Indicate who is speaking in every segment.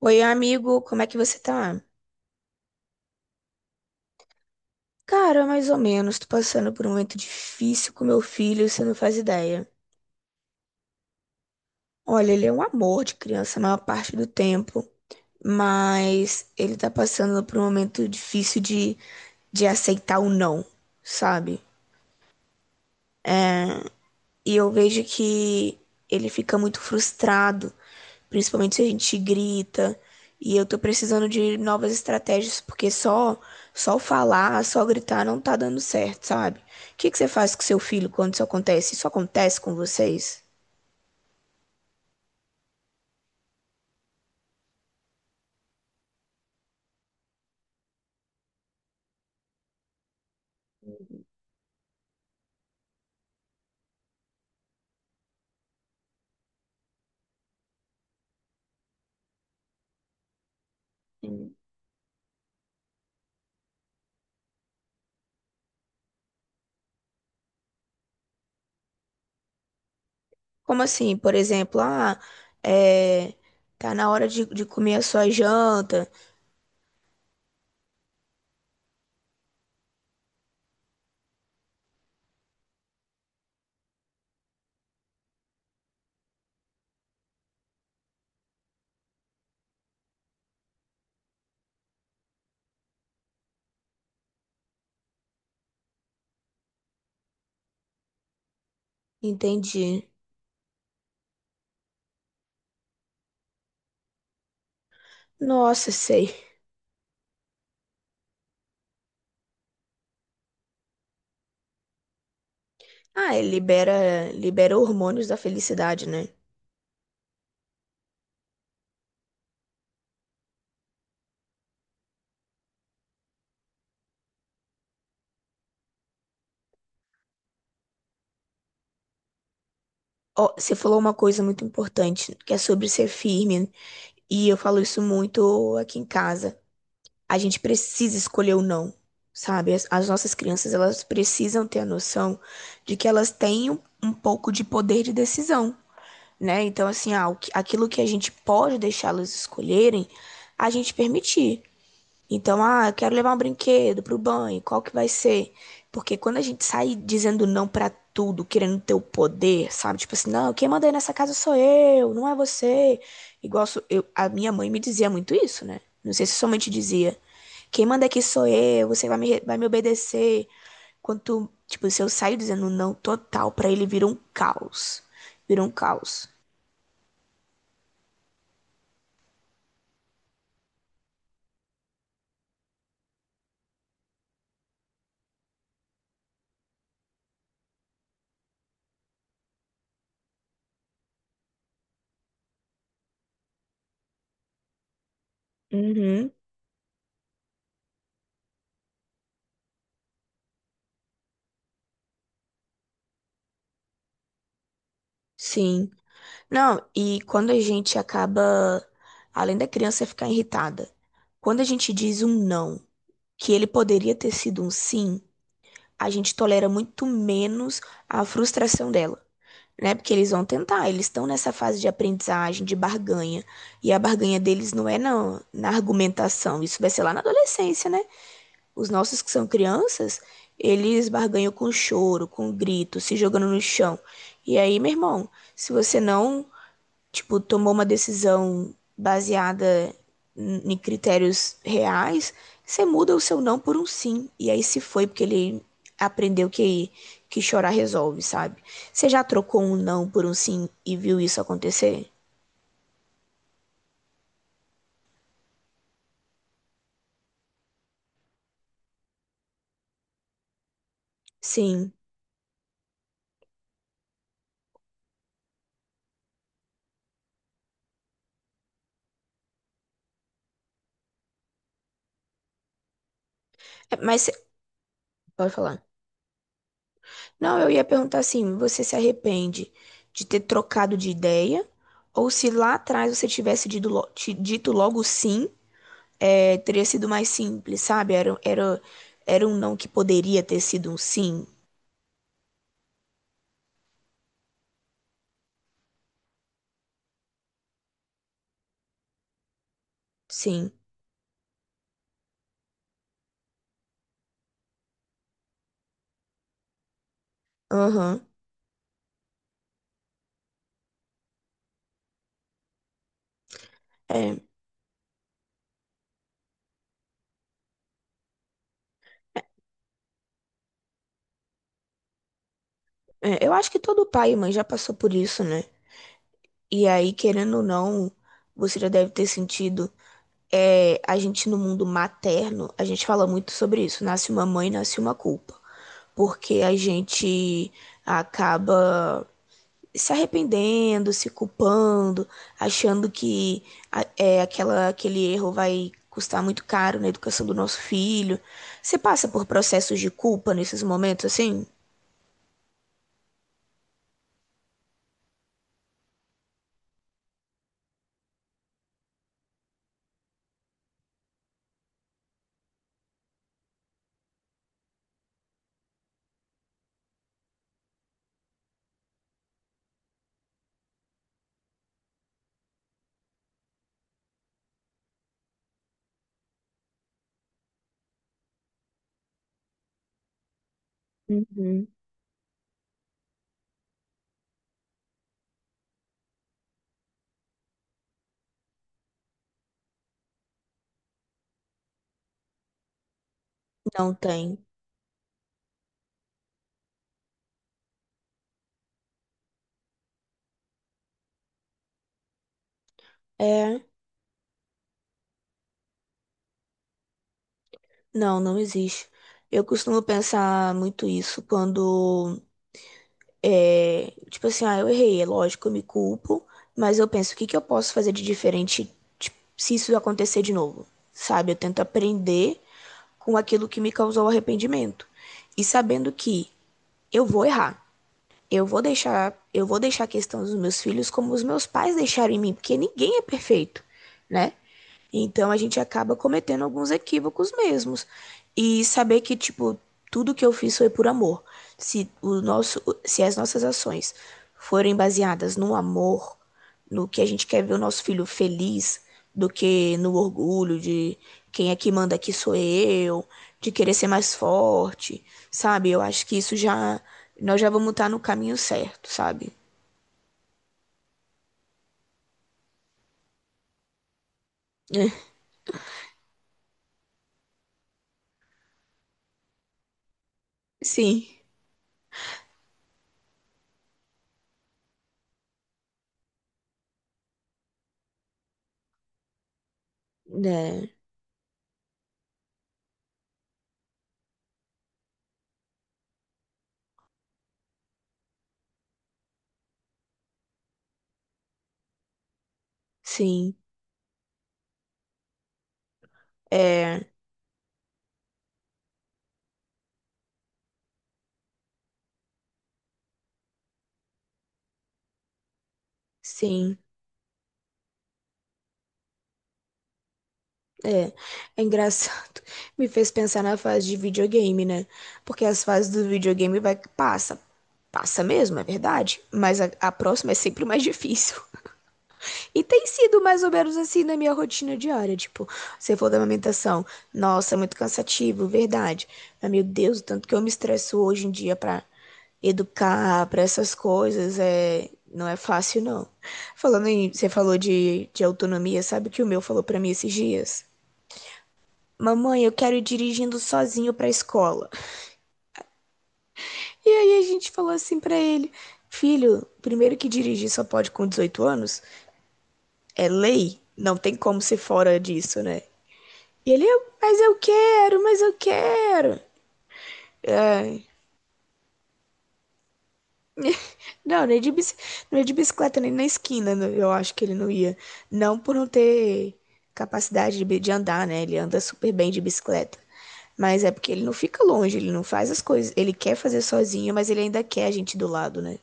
Speaker 1: Oi, amigo, como é que você tá? Cara, mais ou menos, tô passando por um momento difícil com meu filho, você não faz ideia. Olha, ele é um amor de criança a maior parte do tempo, mas ele tá passando por um momento de aceitar o não, sabe? É. E eu vejo que ele fica muito frustrado, principalmente se a gente grita. E eu tô precisando de novas estratégias, porque só falar, só gritar não tá dando certo, sabe? O que que você faz com seu filho quando isso acontece? Isso acontece com vocês? Sim. Como assim? Por exemplo, é, tá na hora de comer a sua janta. Entendi. Nossa, sei. Ah, ele libera, libera hormônios da felicidade, né? Ó, você falou uma coisa muito importante, que é sobre ser firme, né? E eu falo isso muito aqui em casa. A gente precisa escolher o não, sabe? As nossas crianças, elas precisam ter a noção de que elas têm um pouco de poder de decisão, né? Então, assim, ah, aquilo que a gente pode deixá-las escolherem, a gente permitir. Então, ah, eu quero levar um brinquedo pro banho, qual que vai ser? Porque quando a gente sai dizendo não pra tudo, querendo ter o poder, sabe? Tipo assim, não, quem manda aí nessa casa sou eu, não é você. Igual eu, a minha mãe me dizia muito isso, né? Não sei se somente dizia, quem manda aqui sou eu, você vai vai me obedecer. Quanto, tipo, se eu saio dizendo não total pra ele, vira um caos. Vira um caos. Uhum, sim. Não, e quando a gente acaba, além da criança ficar irritada, quando a gente diz um não, que ele poderia ter sido um sim, a gente tolera muito menos a frustração dela, né? Porque eles vão tentar, eles estão nessa fase de aprendizagem, de barganha, e a barganha deles não é na argumentação, isso vai ser lá na adolescência, né? Os nossos que são crianças, eles barganham com choro, com grito, se jogando no chão. E aí, meu irmão, se você não tipo, tomou uma decisão baseada em critérios reais, você muda o seu não por um sim. E aí se foi porque ele aprendeu que chorar resolve, sabe? Você já trocou um não por um sim e viu isso acontecer? Sim. É, mas pode falar. Não, eu ia perguntar assim, você se arrepende de ter trocado de ideia? Ou se lá atrás você tivesse dito logo sim, é, teria sido mais simples, sabe? Era um não que poderia ter sido um sim. Sim. Aham. É, é, eu acho que todo pai e mãe já passou por isso, né? E aí, querendo ou não, você já deve ter sentido. É, a gente no mundo materno, a gente fala muito sobre isso. Nasce uma mãe, nasce uma culpa. Porque a gente acaba se arrependendo, se culpando, achando que é, aquele erro vai custar muito caro na educação do nosso filho. Você passa por processos de culpa nesses momentos assim? Uhum. Não tem. É, não, não existe. Eu costumo pensar muito isso quando é, tipo assim, ah, eu errei, é lógico, eu me culpo, mas eu penso, o que que eu posso fazer de diferente, tipo, se isso acontecer de novo? Sabe? Eu tento aprender com aquilo que me causou arrependimento. E sabendo que eu vou errar. Eu vou deixar a questão dos meus filhos como os meus pais deixaram em mim, porque ninguém é perfeito, né? Então a gente acaba cometendo alguns equívocos mesmos. E saber que, tipo, tudo que eu fiz foi por amor. Se o nosso, se as nossas ações forem baseadas no amor, no que a gente quer ver o nosso filho feliz, do que no orgulho de quem é que manda aqui sou eu, de querer ser mais forte, sabe? Eu acho que isso já nós já vamos estar no caminho certo, sabe? Sim, né? Sim, é, sim. É, é engraçado. Me fez pensar na fase de videogame, né? Porque as fases do videogame vai passa, passa mesmo, é verdade, mas a próxima é sempre mais difícil. E tem sido mais ou menos assim na minha rotina diária, tipo, se for da amamentação, nossa, é muito cansativo, verdade. Mas meu Deus, o tanto que eu me estresso hoje em dia pra educar, pra essas coisas, é não é fácil não. Você falou de autonomia, sabe o que o meu falou pra mim esses dias? Mamãe, eu quero ir dirigindo sozinho pra escola. E aí a gente falou assim pra ele: Filho, primeiro que dirigir só pode com 18 anos, é lei, não tem como ser fora disso, né? E ele: Mas eu quero, mas eu quero. Não, nem de bicicleta, nem na esquina, né? Eu acho que ele não ia. Não por não ter capacidade de andar, né? Ele anda super bem de bicicleta. Mas é porque ele não fica longe, ele não faz as coisas. Ele quer fazer sozinho, mas ele ainda quer a gente do lado, né?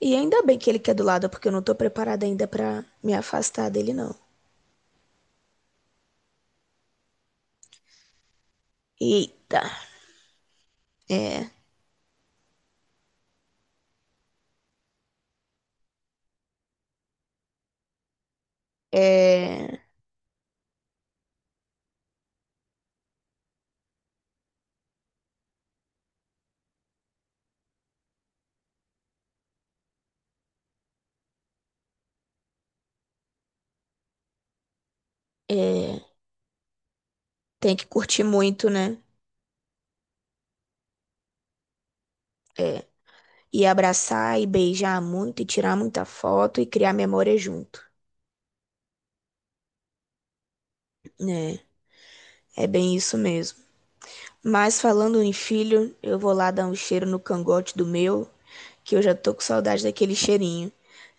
Speaker 1: E ainda bem que ele quer do lado, porque eu não tô preparada ainda pra me afastar dele, não. Eita. É, é, é. Tem que curtir muito, né? É. E abraçar e beijar muito, e tirar muita foto e criar memória junto. Né, é bem isso mesmo. Mas falando em filho, eu vou lá dar um cheiro no cangote do meu, que eu já tô com saudade daquele cheirinho.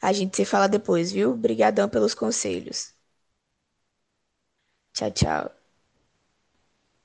Speaker 1: A gente se fala depois, viu? Obrigadão pelos conselhos. Tchau, tchau.